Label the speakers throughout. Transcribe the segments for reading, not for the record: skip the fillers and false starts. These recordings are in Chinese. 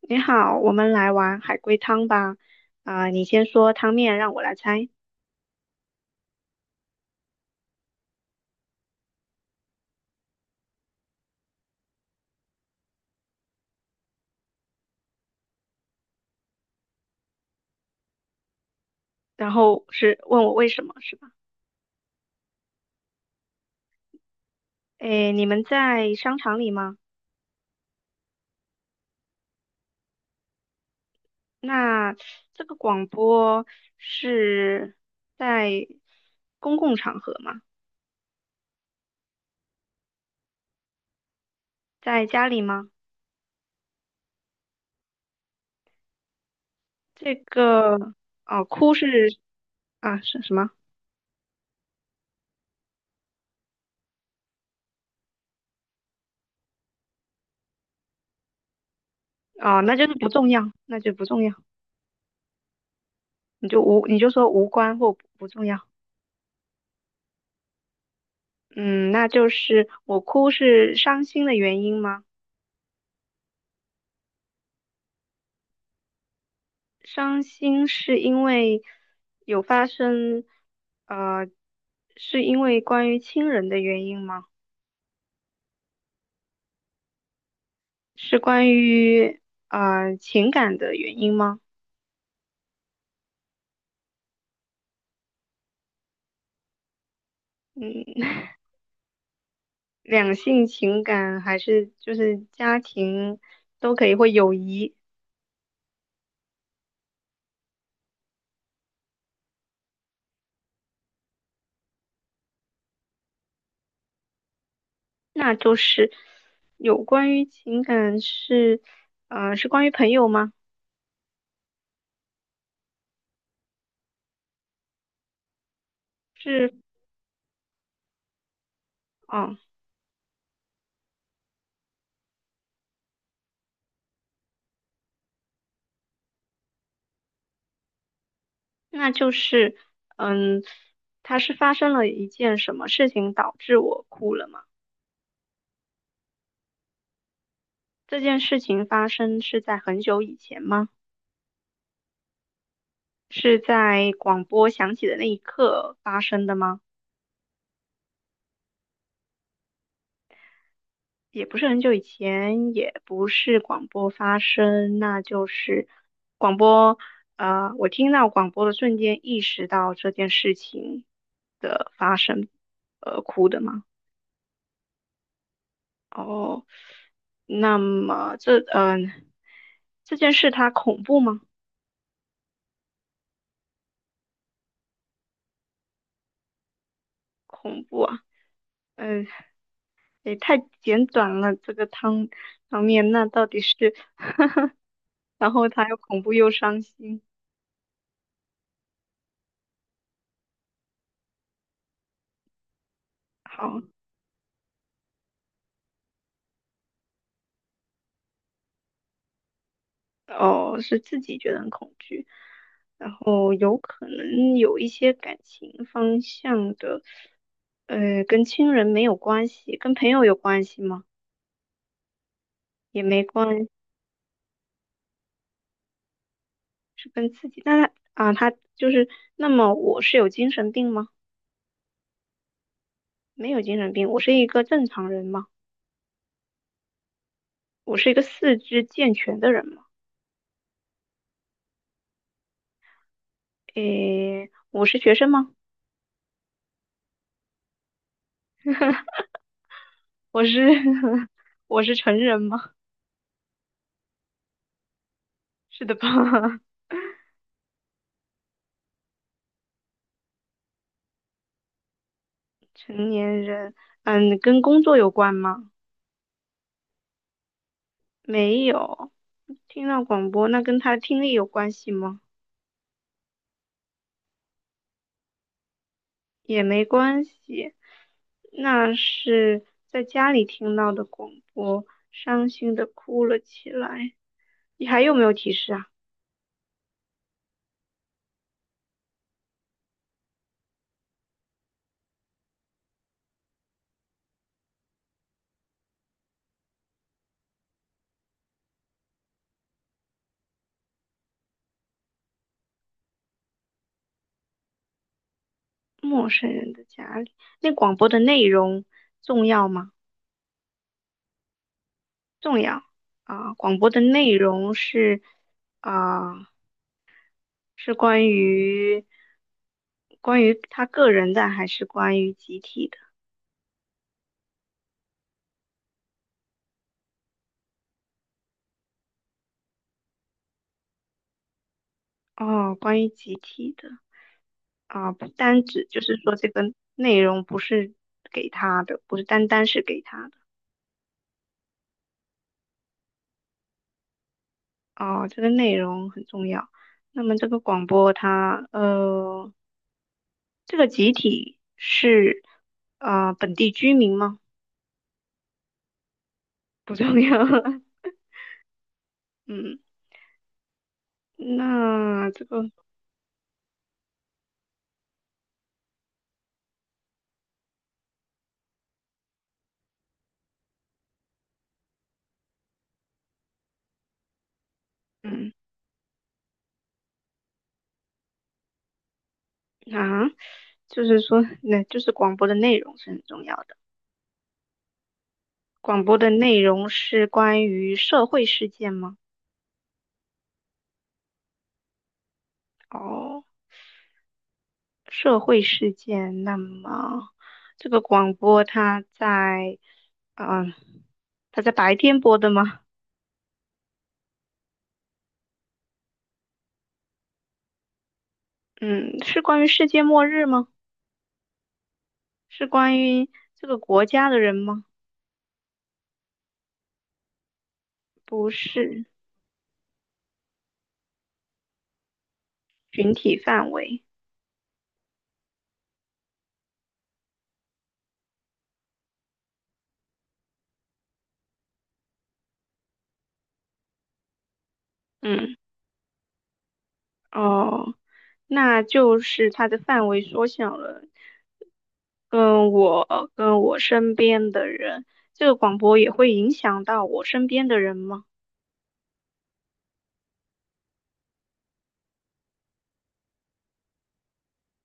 Speaker 1: 你好，我们来玩海龟汤吧。啊、你先说汤面，让我来猜，然后是问我为什么，是吧？诶，你们在商场里吗？那这个广播是在公共场合吗？在家里吗？这个哦，哭是啊是什么？哦，那就是不重要，那就不重要，你就无你就说无关或不重要。嗯，那就是我哭是伤心的原因吗？伤心是因为有发生，呃，是因为关于亲人的原因吗？是关于情感的原因吗？嗯，两性情感还是就是家庭都可以，或友谊，那就是有关于情感是，是关于朋友吗？是，哦，那就是，嗯，它是发生了一件什么事情导致我哭了吗？这件事情发生是在很久以前吗？是在广播响起的那一刻发生的吗？也不是很久以前，也不是广播发生，那就是广播。我听到广播的瞬间意识到这件事情，哭的吗？哦，那么这件事它恐怖吗？恐怖啊，嗯、也太简短了。这个汤面，那到底是然后他又恐怖又伤心。好，哦，是自己觉得很恐惧，然后有可能有一些感情方向的，跟亲人没有关系，跟朋友有关系吗？也没关系是跟自己。那他啊，他就是，那么我是有精神病吗？没有精神病，我是一个正常人吗？我是一个四肢健全的人吗？诶，我是学生吗？我是 我是成人吗？是的吧？成年人，嗯，跟工作有关吗？没有，听到广播，那跟他的听力有关系吗？也没关系，那是在家里听到的广播，伤心的哭了起来。你还有没有提示啊？陌生人的家里，那广播的内容重要吗？重要啊，广播的内容是啊。是关于关于他个人的，还是关于集体的？哦，关于集体的啊，不单指就是说这个内容不是给他的，不是单单是给他的哦，这个内容很重要。那么这个广播它,这个集体是啊本地居民吗？不重要。嗯，那这个嗯啊，就是说那就是广播的内容是很重要的。广播的内容是关于社会事件吗？哦，社会事件。那么这个广播它在，嗯、它在白天播的吗？嗯，是关于世界末日吗？是关于这个国家的人吗？不是，群体范围。嗯，哦，那就是它的范围缩小了。跟我身边的人，这个广播也会影响到我身边的人吗？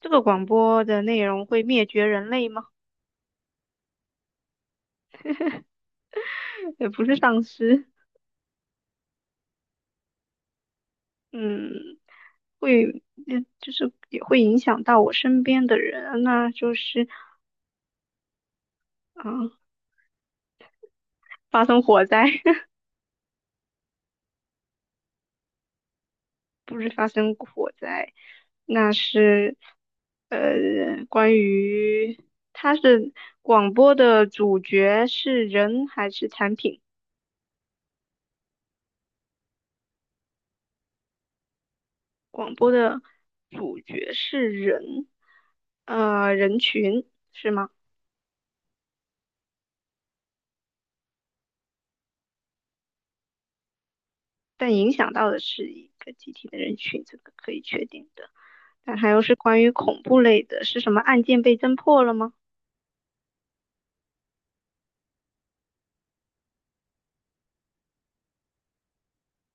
Speaker 1: 这个广播的内容会灭绝人类吗？也不是丧尸，嗯，会，嗯，就是也会影响到我身边的人，那就是，嗯，发生火灾，不是发生火灾，那是，关于它是广播的主角是人还是产品？广播的主角是人，人群是吗？但影响到的是一个集体的人群，这个可以确定的。但还有是关于恐怖类的，是什么案件被侦破了吗？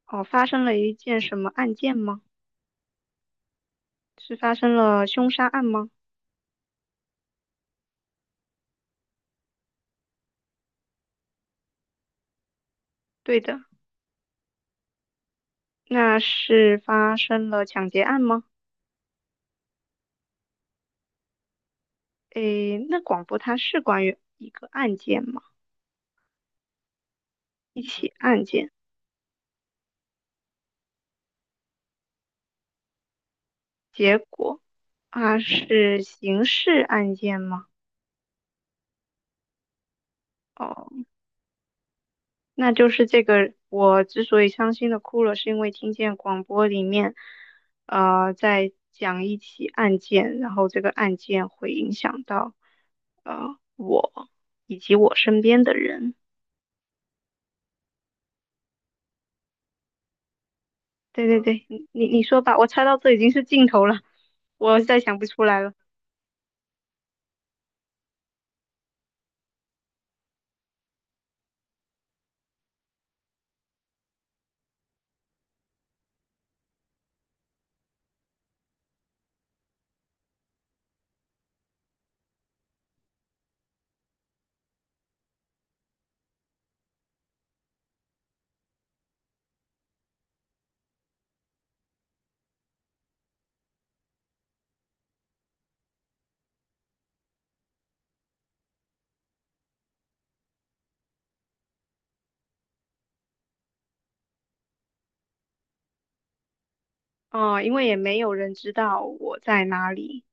Speaker 1: 哦，发生了一件什么案件吗？是发生了凶杀案吗？对的，那是发生了抢劫案吗？诶，那广播它是关于一个案件吗？一起案件，结果啊是刑事案件吗？哦。那就是这个，我之所以伤心的哭了，是因为听见广播里面，在讲一起案件，然后这个案件会影响到，我以及我身边的人。对对对,你说吧，我猜到这已经是尽头了，我再想不出来了。哦，因为也没有人知道我在哪里，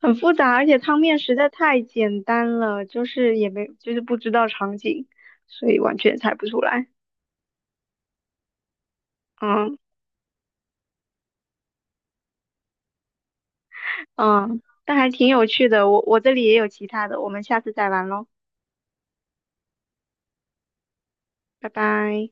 Speaker 1: 很复杂，而且汤面实在太简单了，就是也没就是不知道场景，所以完全猜不出来。嗯。嗯，但还挺有趣的。我这里也有其他的，我们下次再玩喽，拜拜。